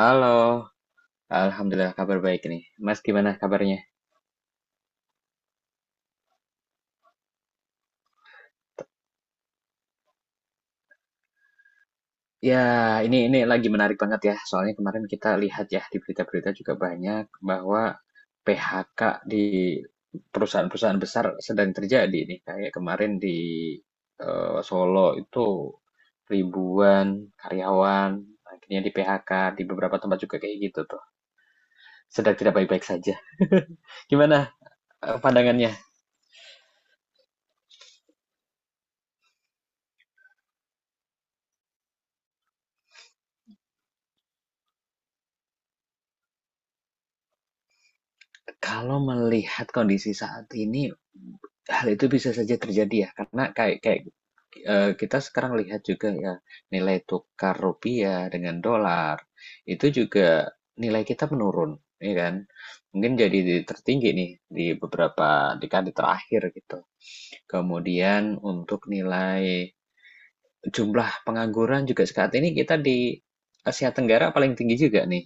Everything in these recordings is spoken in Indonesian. Halo, alhamdulillah kabar baik nih. Mas gimana kabarnya? Ya, ini lagi menarik banget ya. Soalnya kemarin kita lihat ya di berita-berita juga banyak bahwa PHK di perusahaan-perusahaan besar sedang terjadi nih. Kayak kemarin di Solo itu ribuan karyawan akhirnya di PHK di beberapa tempat juga kayak gitu tuh. Sedang tidak baik-baik saja. Gimana pandangannya. Kalau melihat kondisi saat ini, hal itu bisa saja terjadi ya, karena kayak kayak, kita sekarang lihat juga ya, nilai tukar rupiah dengan dolar, itu juga nilai kita menurun, ya kan? Mungkin jadi tertinggi nih di beberapa dekade terakhir gitu. Kemudian untuk nilai jumlah pengangguran juga saat ini kita di Asia Tenggara paling tinggi juga nih,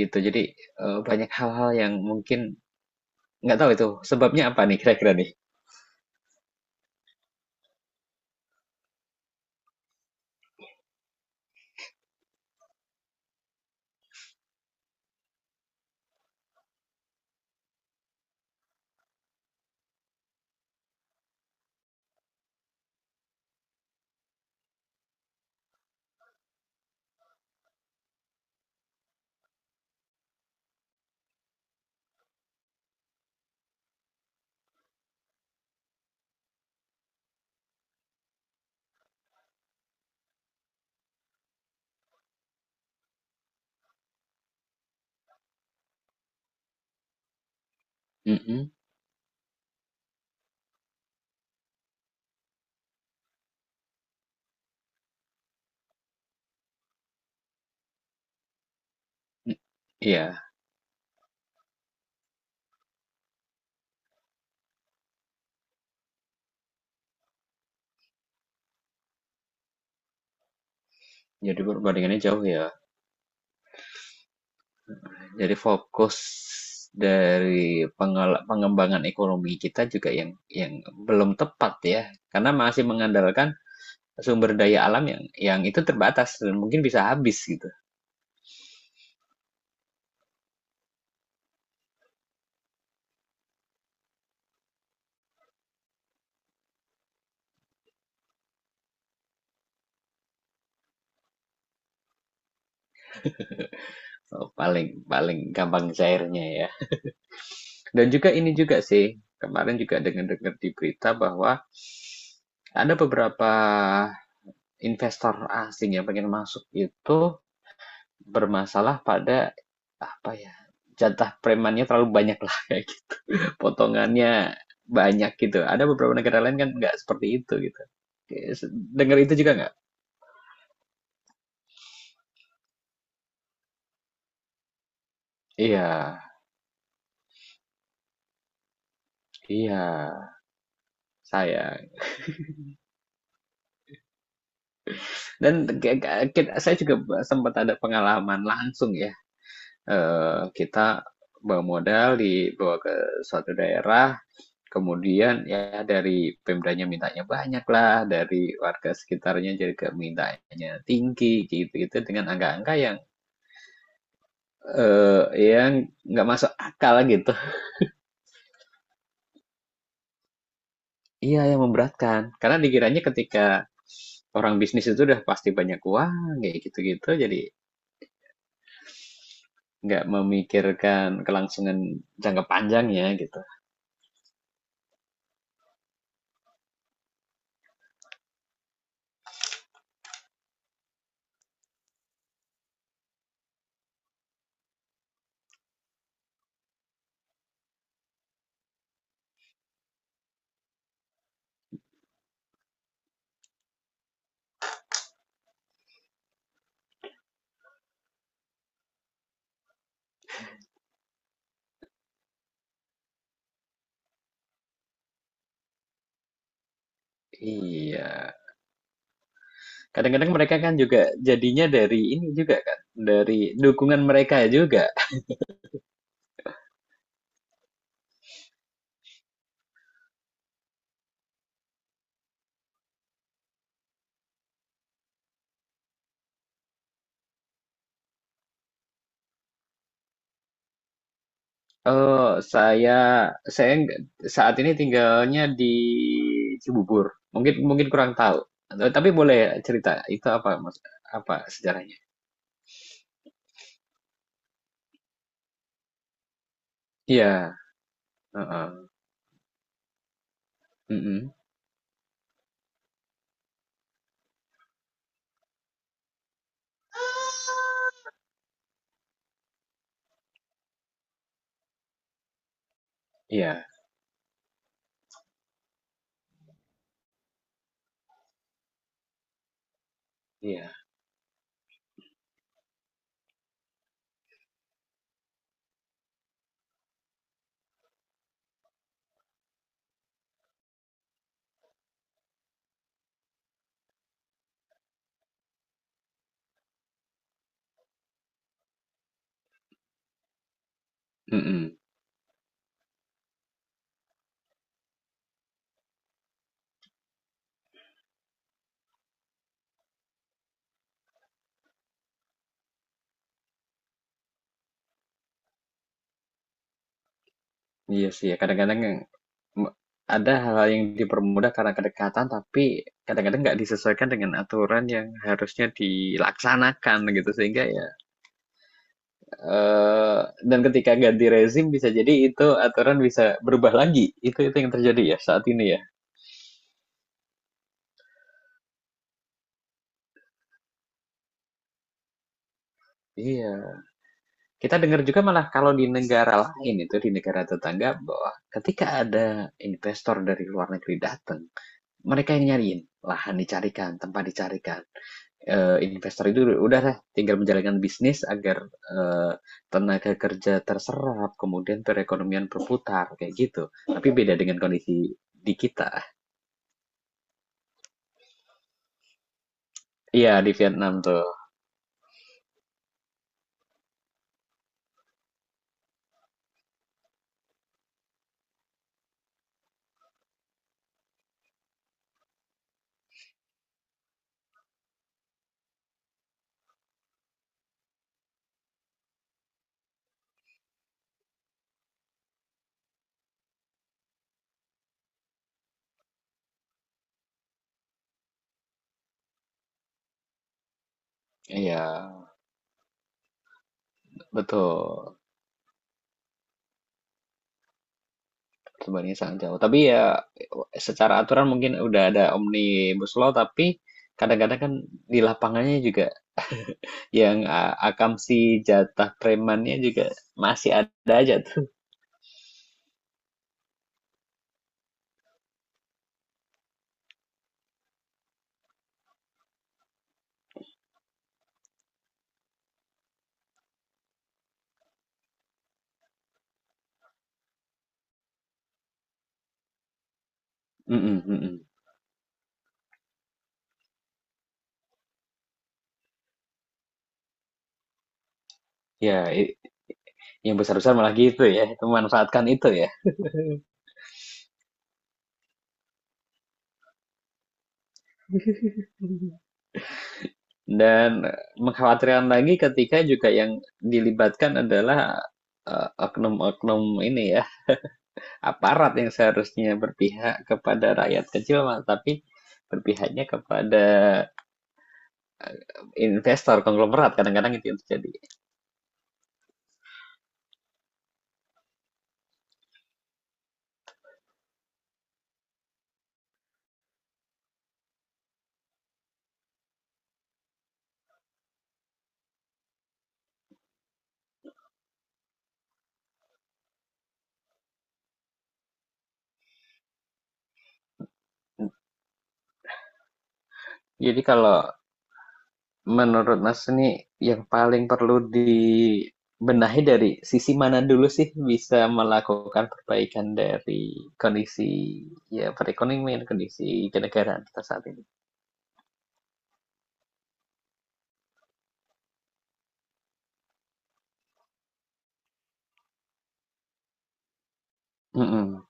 gitu. Jadi, banyak hal-hal yang mungkin. Nggak tahu itu sebabnya apa nih kira-kira nih? Mhm, m, iya, jadi perbandingannya jauh ya. Jadi fokus dari pengembangan ekonomi kita juga yang belum tepat ya, karena masih mengandalkan sumber daya alam yang itu terbatas dan mungkin bisa habis gitu. Paling paling gampang cairnya ya. Dan juga ini juga sih, kemarin juga dengar-dengar di berita bahwa ada beberapa investor asing yang pengen masuk itu bermasalah pada, apa ya, jatah premannya terlalu banyak lah kayak gitu. Potongannya banyak gitu. Ada beberapa negara lain kan nggak seperti itu gitu. Dengar itu juga nggak? Iya, iya, sayang. Dan ke kit saya juga sempat ada pengalaman langsung ya, kita bawa modal dibawa ke suatu daerah. Kemudian ya dari pemdanya mintanya banyak lah, dari warga sekitarnya jadi ke mintanya tinggi gitu-gitu dengan angka-angka eh, yang nggak masuk akal gitu. Iya yang memberatkan karena dikiranya ketika orang bisnis itu udah pasti banyak uang kayak gitu-gitu jadi nggak memikirkan kelangsungan jangka panjangnya gitu. Iya. Kadang-kadang mereka kan juga jadinya dari ini juga kan, dari dukungan mereka juga. Eee, saya saya nggak, saat ini tinggalnya di Cibubur. Mungkin mungkin kurang tahu, tapi boleh cerita itu apa Mas, apa sejarahnya? Iya, heeh, mhm, iya, iya, mhm, iya sih ya kadang-kadang yang me ada hal-hal yang dipermudah karena kedekatan, tapi kadang-kadang nggak disesuaikan dengan aturan yang harusnya dilaksanakan gitu sehingga ya, Eee, dan ketika ganti rezim bisa jadi itu aturan bisa berubah lagi. Itu yang terjadi ya saat ini ya? Iya. Kita dengar juga malah kalau di negara lain itu, di negara tetangga bahwa ketika ada investor dari luar negeri datang, mereka yang nyariin, lahan dicarikan, tempat dicarikan. Investor itu udah lah tinggal menjalankan bisnis agar, eee, tenaga kerja terserap, kemudian perekonomian berputar, kayak gitu. Tapi beda dengan kondisi di kita. Iya, di Vietnam tuh. Iya, betul. Sebenarnya sangat jauh. Tapi ya secara aturan mungkin udah ada omnibus law, tapi kadang-kadang kan di lapangannya juga yang akamsi jatah premannya juga masih ada aja tuh. Mm-mm, mm-mm. Ya, yang besar-besar malah gitu ya, itu memanfaatkan itu ya. Dan mengkhawatirkan lagi ketika juga yang dilibatkan adalah oknum-oknum ini ya, aparat yang seharusnya berpihak kepada rakyat kecil, malah tapi berpihaknya kepada investor konglomerat kadang-kadang itu yang terjadi. Jadi kalau menurut Mas ini yang paling perlu dibenahi dari sisi mana dulu sih bisa melakukan perbaikan dari kondisi ya perekonomian kondisi kenegaraan kita saat ini. Mm-mm.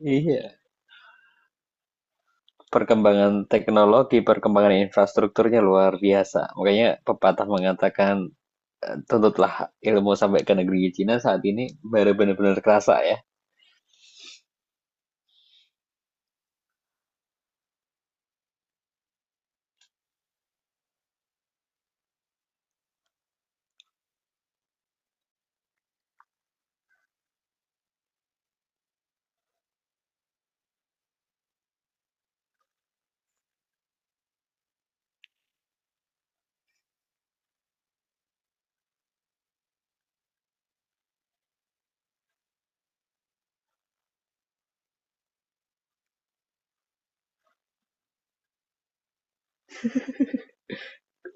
Iya, perkembangan teknologi, perkembangan infrastrukturnya luar biasa. Makanya pepatah mengatakan tuntutlah ilmu sampai ke negeri Cina saat ini baru benar-benar kerasa ya.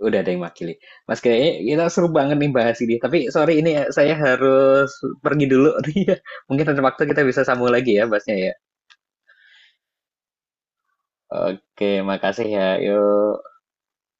Udah ada yang makili. Mas kayaknya kita seru banget nih bahas ini. Tapi sorry ini ya, saya harus pergi dulu nih ya. Mungkin ada waktu kita bisa sambung lagi ya bahasnya ya. Oke, makasih ya. Yuk.